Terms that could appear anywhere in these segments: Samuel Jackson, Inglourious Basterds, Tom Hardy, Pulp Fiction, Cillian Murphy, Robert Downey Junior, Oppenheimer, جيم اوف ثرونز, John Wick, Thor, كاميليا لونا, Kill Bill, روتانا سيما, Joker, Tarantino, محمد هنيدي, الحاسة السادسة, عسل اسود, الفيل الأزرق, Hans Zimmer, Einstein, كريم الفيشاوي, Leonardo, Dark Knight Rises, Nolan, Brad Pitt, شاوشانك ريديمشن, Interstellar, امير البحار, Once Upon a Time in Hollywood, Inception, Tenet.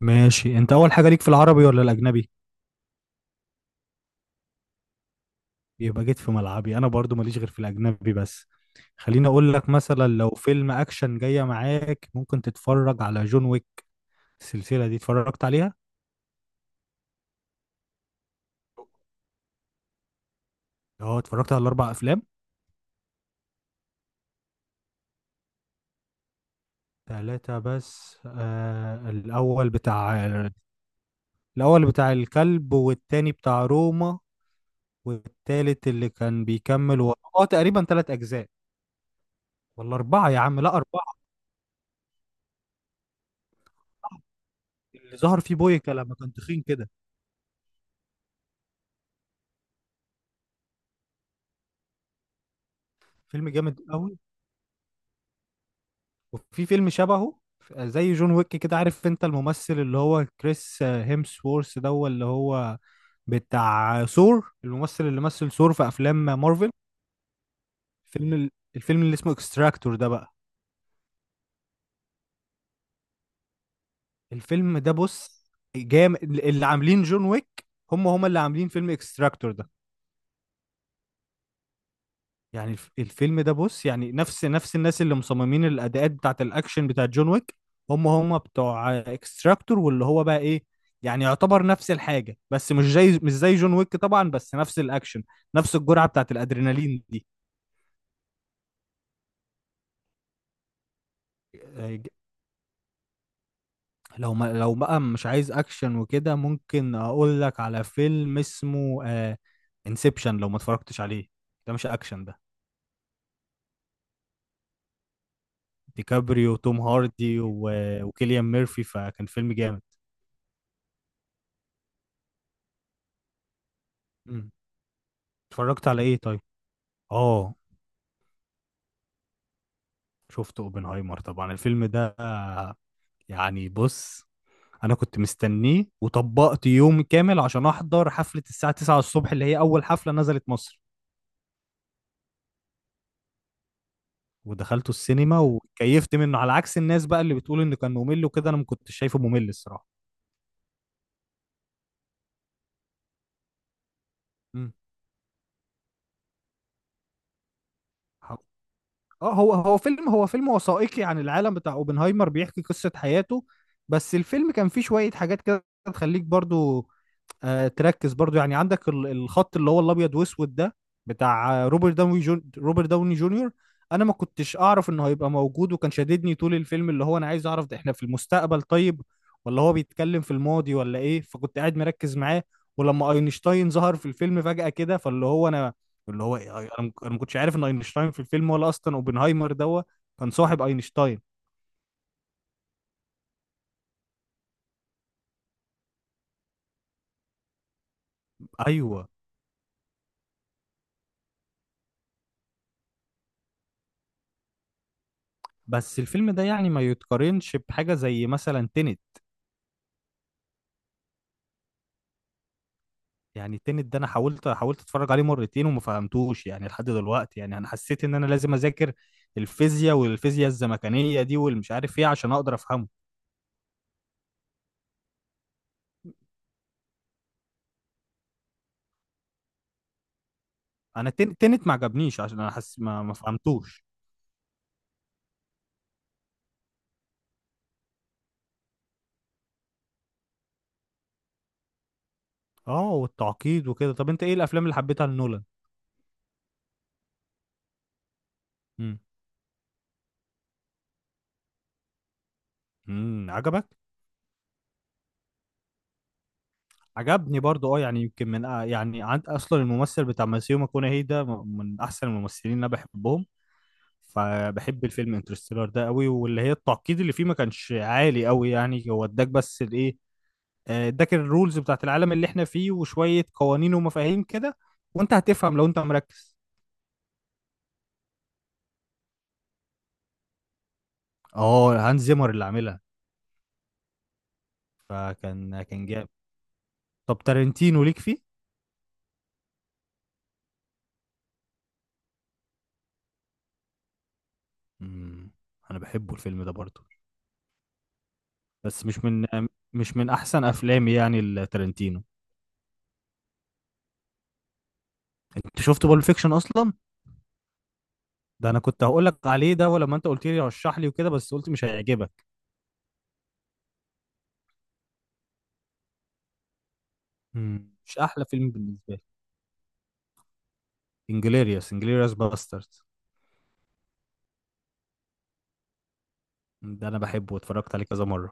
ماشي، انت اول حاجه ليك في العربي ولا الاجنبي؟ يبقى جيت في ملعبي، انا برضو ماليش غير في الاجنبي بس. خليني اقول لك مثلا، لو فيلم اكشن جايه معاك ممكن تتفرج على جون ويك. السلسله دي اتفرجت عليها؟ اه، اتفرجت على الاربع افلام. ثلاثه بس، الاول بتاع... الاول بتاع الكلب، والتاني بتاع روما، والتالت اللي كان بيكمل اه تقريبا ثلاث اجزاء ولا اربعه؟ يا عم لا، اربعه اللي ظهر فيه بويكا لما كان تخين كده. فيلم جامد قوي. وفي فيلم شبهه زي جون ويك كده، عارف انت الممثل اللي هو كريس هيمسورث ده؟ هو اللي هو بتاع ثور، الممثل اللي مثل ثور في افلام مارفل. فيلم ال- الفيلم اللي اسمه اكستراكتور ده بقى، الفيلم ده بص، جامد. اللي عاملين جون ويك هم اللي عاملين فيلم اكستراكتور ده. يعني الفيلم ده بص، يعني نفس الناس اللي مصممين الاداءات بتاعت الاكشن بتاعت جون ويك هم بتوع اكستراكتور، واللي هو بقى ايه، يعني يعتبر نفس الحاجه، بس مش زي جون ويك طبعا، بس نفس الاكشن، نفس الجرعه بتاعت الادرينالين دي. آه، ج- لو ما لو بقى مش عايز اكشن وكده، ممكن اقول لك على فيلم اسمه انسبشن لو ما اتفرجتش عليه. ده مش اكشن ده. ديكابريو وتوم هاردي وكيليان ميرفي، فكان فيلم جامد. مم. اتفرجت على ايه طيب؟ اه، شفت اوبنهايمر؟ طبعا الفيلم ده، يعني بص، انا كنت مستنيه وطبقت يوم كامل عشان احضر حفلة الساعة 9 الصبح، اللي هي اول حفلة نزلت مصر، ودخلته السينما وكيفت منه على عكس الناس بقى اللي بتقول انه كان ممل وكده. انا ما كنتش شايفه ممل الصراحة. مم. ح- اه، هو فيلم وثائقي عن العالم بتاع اوبنهايمر، بيحكي قصة حياته. بس الفيلم كان فيه شوية حاجات كده تخليك برضو تركز. برضو يعني عندك الخط اللي هو الابيض واسود ده، بتاع روبرت داوني روبرت داوني جونيور. انا ما كنتش اعرف انه هيبقى موجود، وكان شاددني طول الفيلم، اللي هو انا عايز اعرف ده احنا في المستقبل طيب ولا هو بيتكلم في الماضي ولا ايه. فكنت قاعد مركز معاه، ولما اينشتاين ظهر في الفيلم فجأة كده، فاللي هو انا، اللي هو إيه؟ أنا ما كنتش عارف ان اينشتاين في الفيلم، ولا اصلا اوبنهايمر ده كان صاحب اينشتاين. ايوه، بس الفيلم ده يعني ما يتقارنش بحاجة زي مثلا تينت. يعني التنت ده انا حاولت اتفرج عليه مرتين وما فهمتوش، يعني لحد دلوقتي. يعني انا حسيت ان انا لازم اذاكر الفيزياء، والفيزياء الزمكانيه دي والمش عارف ايه، عشان اقدر افهمه. انا التنت ما عجبنيش عشان انا حاسس ما فهمتوش. اه، والتعقيد وكده. طب انت ايه الافلام اللي حبيتها لنولان؟ امم، امم، عجبك؟ عجبني برضو اه، يعني يمكن من يعني، عند اصلا الممثل بتاع ماسيو ماكونهي ده، من احسن الممثلين اللي انا بحبهم. فبحب الفيلم انترستيلر ده قوي، واللي هي التعقيد اللي فيه ما كانش عالي قوي. يعني هو اداك بس الايه، اداك الرولز بتاعت العالم اللي احنا فيه، وشوية قوانين ومفاهيم كده، وانت هتفهم لو انت مركز. اه، هانز زيمر اللي عاملها. فكان جامد. طب تارنتينو ليك فيه؟ مم. انا بحبه الفيلم ده برضه، بس مش من احسن افلامي يعني التارنتينو. انت شفت بالب فيكشن اصلا؟ ده انا كنت هقول لك عليه ده، ولما انت قلت لي رشح لي وكده بس قلت مش هيعجبك. مش احلى فيلم بالنسبه لي. انجليريوس باسترد، ده انا بحبه واتفرجت عليه كذا مره.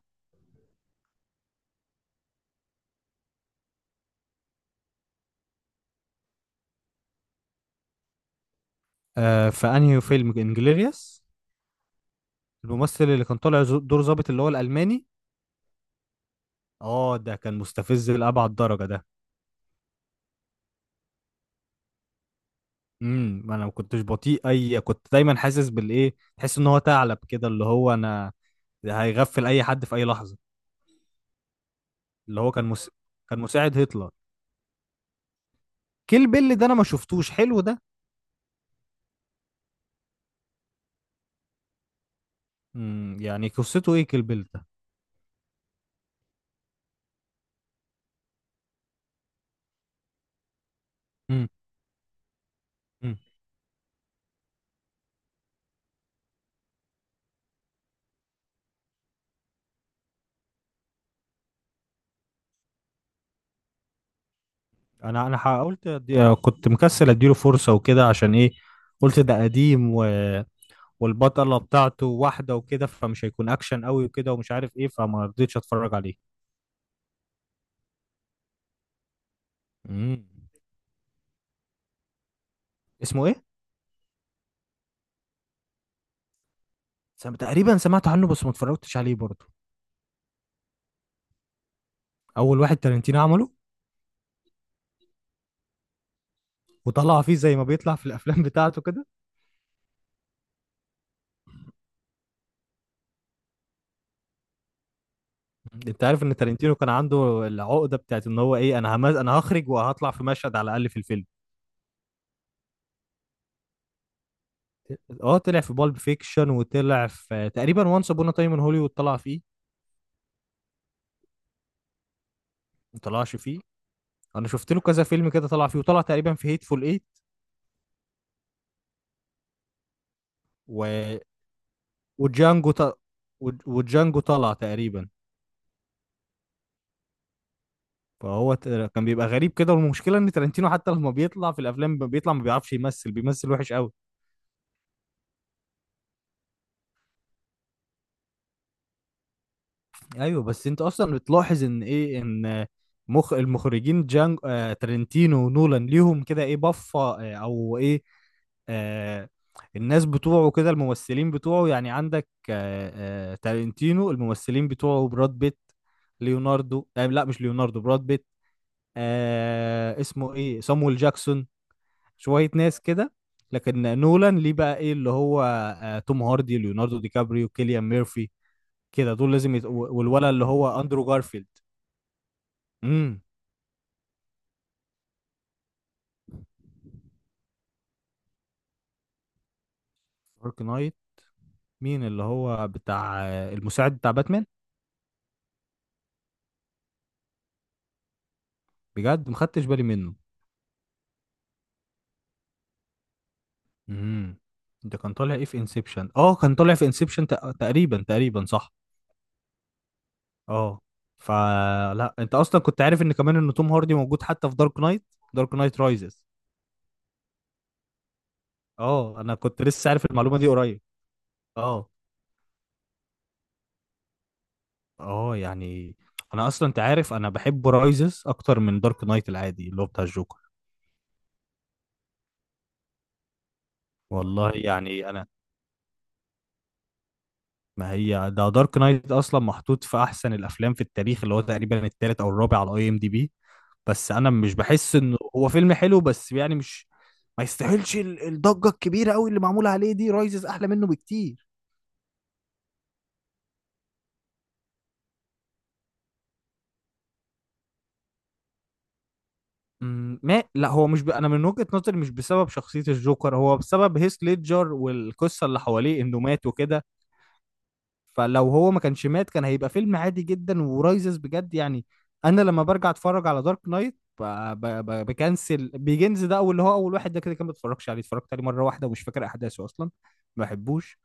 آه، فانهي فيلم انجليريوس، الممثل اللي كان طالع دور ظابط اللي هو الالماني؟ اه، ده كان مستفز لابعد درجه ده. امم، انا ما كنتش بطيء اي، كنت دايما حاسس بالايه، تحس ان هو ثعلب كده، اللي هو انا هيغفل اي حد في اي لحظه. اللي هو كان مساعد هتلر. كيل بيل ده انا ما شفتوش، حلو ده؟ امم، يعني قصته ايه كيل بيل ده؟ امم، انا كنت مكسل اديله فرصه وكده، عشان ايه، قلت ده قديم والبطله بتاعته واحده وكده، فمش هيكون اكشن قوي وكده، ومش عارف ايه، فما رضيتش اتفرج عليه. امم، اسمه ايه؟ تقريبا سمعت عنه بس ما اتفرجتش عليه برضه. اول واحد تارنتينو عمله، وطلع فيه زي ما بيطلع في الافلام بتاعته كده. انت عارف ان تارنتينو كان عنده العقده بتاعت ان هو ايه، انا هخرج وهطلع في مشهد على الاقل في الفيلم. اه، طلع في بالب فيكشن، وطلع في تقريبا وانس ابون تايم ان هوليوود طلع فيه. ما طلعش فيه. انا شفت له كذا فيلم كده طلع فيه، وطلع تقريبا في هيتفول ايت و... وجانجو ط... و... وجانجو طلع تقريبا. فهو كان بيبقى غريب كده. والمشكله ان ترنتينو حتى لما بيطلع في الافلام بيطلع ما بيعرفش يمثل، بيمثل وحش قوي. ايوه، بس انت اصلا بتلاحظ ان ايه، مخ المخرجين جان آه ترنتينو ونولان ليهم كده ايه، بفه آه او ايه آه الناس بتوعه كده، الممثلين بتوعه. يعني عندك تارنتينو، الممثلين بتوعه براد بيت، ليوناردو، لا مش ليوناردو، براد بيت، اسمه ايه، صامويل جاكسون، شوية ناس كده. لكن نولان ليه بقى ايه، اللي هو توم هاردي، ليوناردو دي كابريو، كيليان ميرفي كده، دول لازم والولد اللي هو اندرو جارفيلد. امم، دارك نايت، مين اللي هو بتاع المساعد بتاع باتمان؟ بجد ما خدتش بالي منه. امم، ده كان طالع ايه في انسبشن، اه كان طالع في انسبشن تقريبا، صح. اه، فلا انت اصلا كنت عارف ان كمان ان توم هاردي موجود حتى في دارك نايت، دارك نايت رايزز؟ اه، انا كنت لسه عارف المعلومه دي قريب. اه اه، يعني انا اصلا، انت عارف انا بحب رايزز اكتر من دارك نايت العادي اللي هو بتاع الجوكر. والله يعني انا، ما هي ده دارك نايت اصلا محطوط في احسن الافلام في التاريخ، اللي هو تقريبا التالت او الرابع على اي ام دي بي، بس انا مش بحس انه هو فيلم حلو، بس يعني مش، ما يستاهلش الضجة الكبيرة قوي اللي معمولة عليه دي. رايزز احلى منه بكتير. أمم، ما لا هو مش ب... انا من وجهة نظري مش بسبب شخصية الجوكر، هو بسبب هيث ليدجر والقصة اللي حواليه انه مات وكده. فلو هو ما كانش مات كان هيبقى فيلم عادي جدا. ورايزز بجد يعني، انا لما برجع اتفرج على دارك نايت بكنسل بيجنز ده، اول اللي هو اول واحد ده كده، كان ما اتفرجش عليه، اتفرجت عليه مره واحده ومش فاكر احداثه اصلا، ما بحبوش.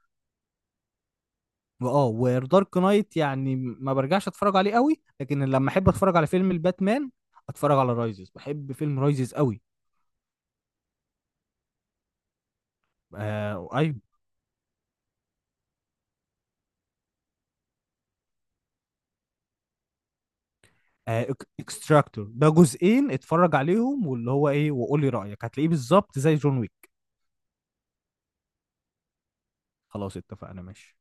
واه، ودارك نايت يعني ما برجعش اتفرج عليه قوي، لكن لما احب اتفرج على فيلم الباتمان اتفرج على رايزز، بحب فيلم رايزز قوي. آه ايوه، آه اكستراكتور، ده جزئين اتفرج عليهم واللي هو ايه وقولي رايك، هتلاقيه بالظبط زي جون ويك. خلاص اتفقنا، ماشي.